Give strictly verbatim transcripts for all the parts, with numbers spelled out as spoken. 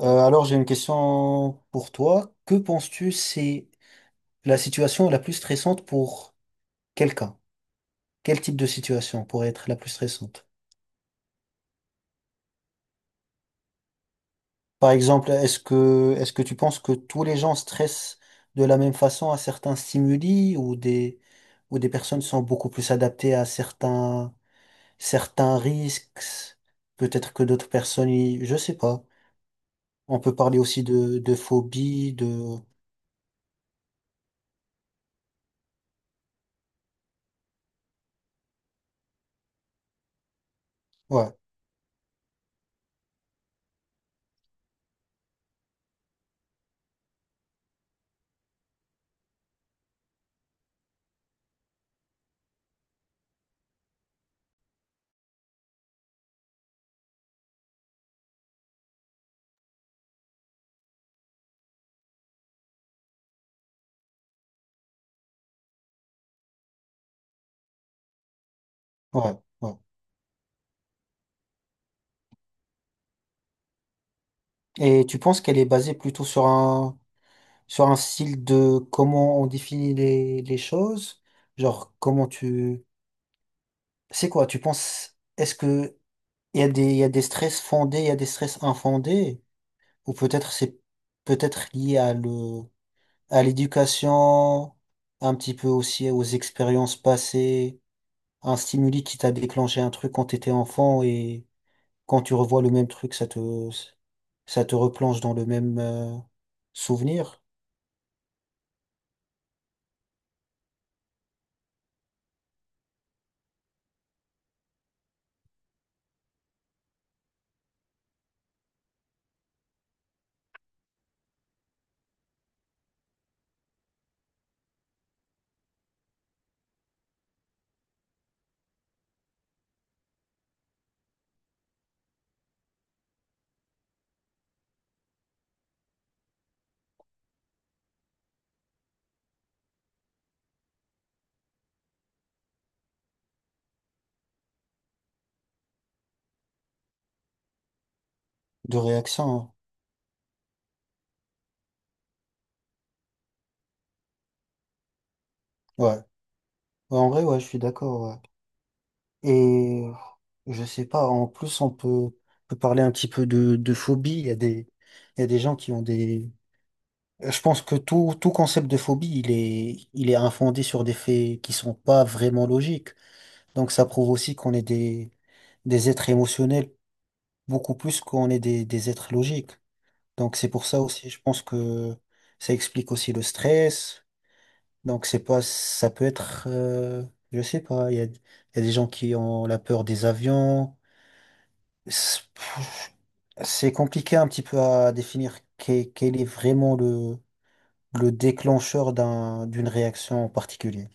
Euh, alors j'ai une question pour toi. Que penses-tu c'est la situation la plus stressante pour quelqu'un? Quel type de situation pourrait être la plus stressante? Par exemple, est-ce que est-ce que tu penses que tous les gens stressent de la même façon à certains stimuli ou des ou des personnes sont beaucoup plus adaptées à certains certains risques? Peut-être que d'autres personnes, y- je sais pas. On peut parler aussi de de phobie, de ouais, ouais, ouais. Et tu penses qu'elle est basée plutôt sur un sur un style de comment on définit les, les choses, genre comment tu... C'est quoi, tu penses, est-ce que il y a des, il y a des stress fondés, il y a des stress infondés, ou peut-être c'est peut-être lié à le, à l'éducation, un petit peu aussi aux expériences passées, un stimuli qui t'a déclenché un truc quand t'étais enfant et quand tu revois le même truc, ça te, ça te replonge dans le même euh, souvenir de réaction, hein. Ouais. Ouais, en vrai, ouais, je suis d'accord, ouais. Et euh, je sais pas, en plus, on peut, on peut parler un petit peu de, de phobie. Il y a des, il y a des gens qui ont des. Je pense que tout, tout concept de phobie, il est, il est infondé sur des faits qui sont pas vraiment logiques. Donc, ça prouve aussi qu'on est des, des êtres émotionnels beaucoup plus qu'on est des, des êtres logiques. Donc, c'est pour ça aussi, je pense que ça explique aussi le stress. Donc c'est pas, ça peut être, euh, je sais pas, il y a, il y a des gens qui ont la peur des avions. C'est c'est compliqué un petit peu à définir quel, quel est vraiment le, le déclencheur d'un, d'une réaction en particulier.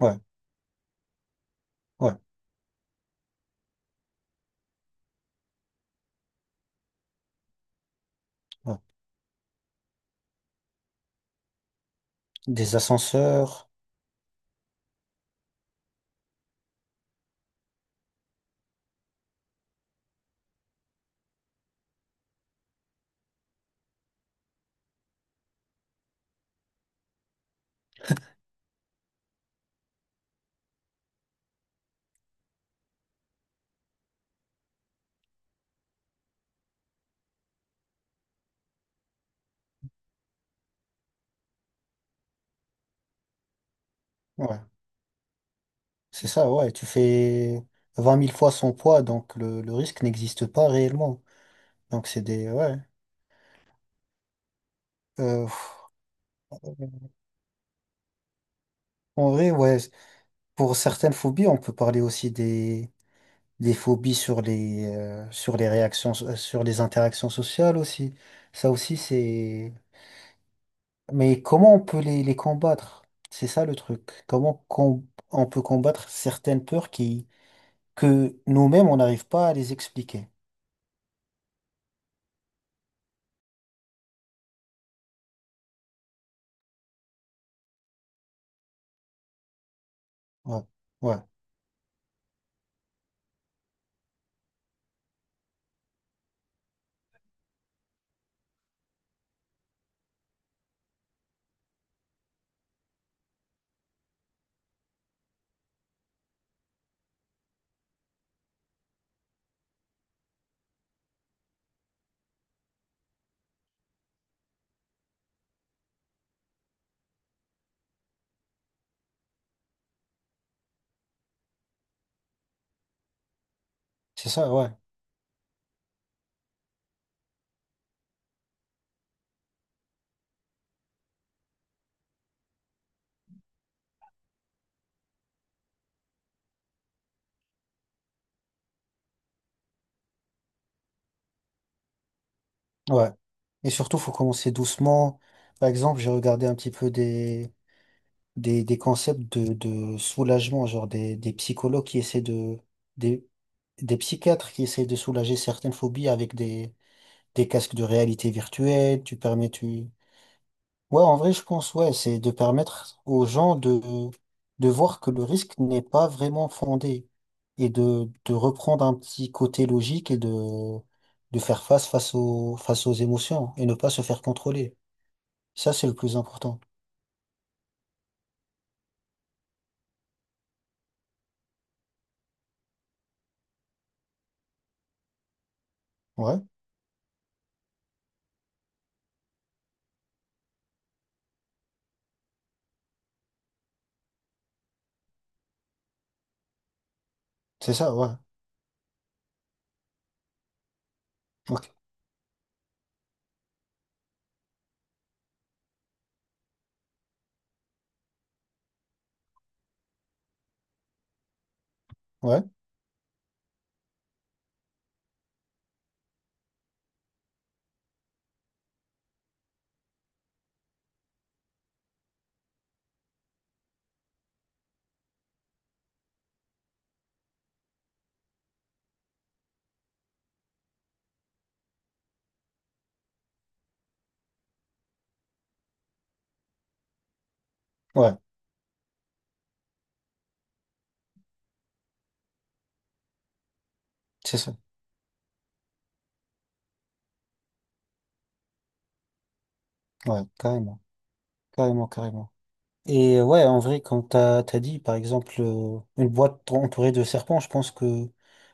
Ouais, ouais, ouais. Des ascenseurs, ouais, c'est ça, ouais. Tu fais vingt mille fois son poids, donc le, le risque n'existe pas réellement. Donc c'est des, ouais. Euh, pff, en vrai, ouais, pour certaines phobies, on peut parler aussi des des phobies sur les, euh, sur les réactions, so- euh, sur les interactions sociales aussi. Ça aussi, c'est... Mais comment on peut les, les combattre? C'est ça le truc. Comment com- on peut combattre certaines peurs qui, que nous-mêmes, on n'arrive pas à les expliquer. Ouais, ouais, c'est ça, ouais, ouais. Et surtout, faut commencer doucement. Par exemple, j'ai regardé un petit peu des, des, des concepts de, de soulagement, genre des, des psychologues qui essaient de, des- des psychiatres qui essayent de soulager certaines phobies avec des, des casques de réalité virtuelle, tu permets, tu... Ouais, en vrai, je pense, ouais, c'est de permettre aux gens de, de voir que le risque n'est pas vraiment fondé et de, de reprendre un petit côté logique et de, de faire face face aux, face aux émotions et ne pas se faire contrôler. Ça, c'est le plus important. Ouais, c'est ça, ouais. Ok. Ouais, ouais, c'est ça. Ouais, carrément, carrément, carrément. Et ouais, en vrai, quand t'as, t'as dit, par exemple, euh, une boîte entourée de serpents, je pense que,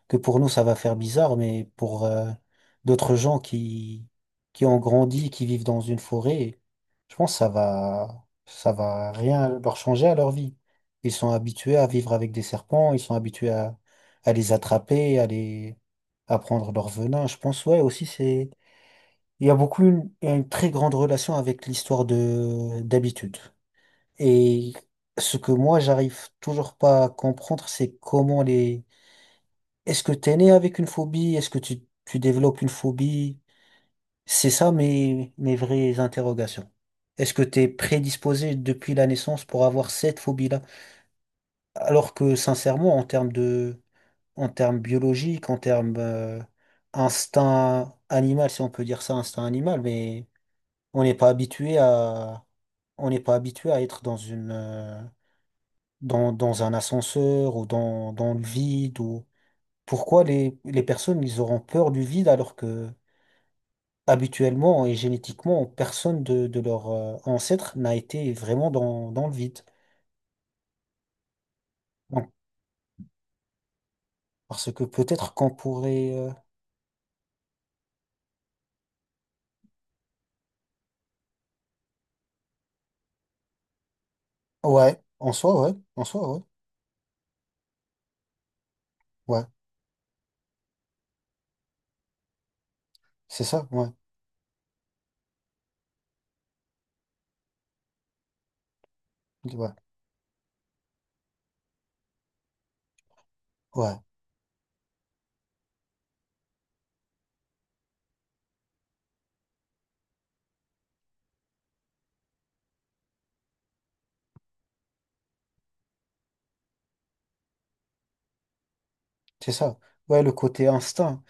que pour nous, ça va faire bizarre, mais pour euh, d'autres gens qui, qui ont grandi, qui vivent dans une forêt, je pense que ça va, ça va rien leur changer à leur vie. Ils sont habitués à vivre avec des serpents, ils sont habitués à, à les attraper, à les, à prendre leur venin. Je pense, ouais, aussi, c'est, il y a beaucoup une, une très grande relation avec l'histoire de, d'habitude. Et ce que moi, j'arrive toujours pas à comprendre, c'est comment les... Est-ce que t'es né avec une phobie? Est-ce que tu, tu développes une phobie? C'est ça mes, mes vraies interrogations. Est-ce que t'es prédisposé depuis la naissance pour avoir cette phobie-là? Alors que, sincèrement, en termes de, en termes biologiques, en termes, euh, instinct animal, si on peut dire ça, instinct animal, mais on n'est pas habitué à, on n'est pas habitué à être dans une, euh, dans, dans un ascenseur ou dans, dans le vide ou pourquoi les, les personnes ils auront peur du vide alors que habituellement et génétiquement personne de, de leurs euh, ancêtres n'a été vraiment dans, dans le vide. Donc, parce que peut-être qu'on pourrait euh, ouais, en soi ouais, en soi ouais. Ouais, c'est ça, ouais. Ouais. Ouais, c'est ça. Ouais, le côté instinct.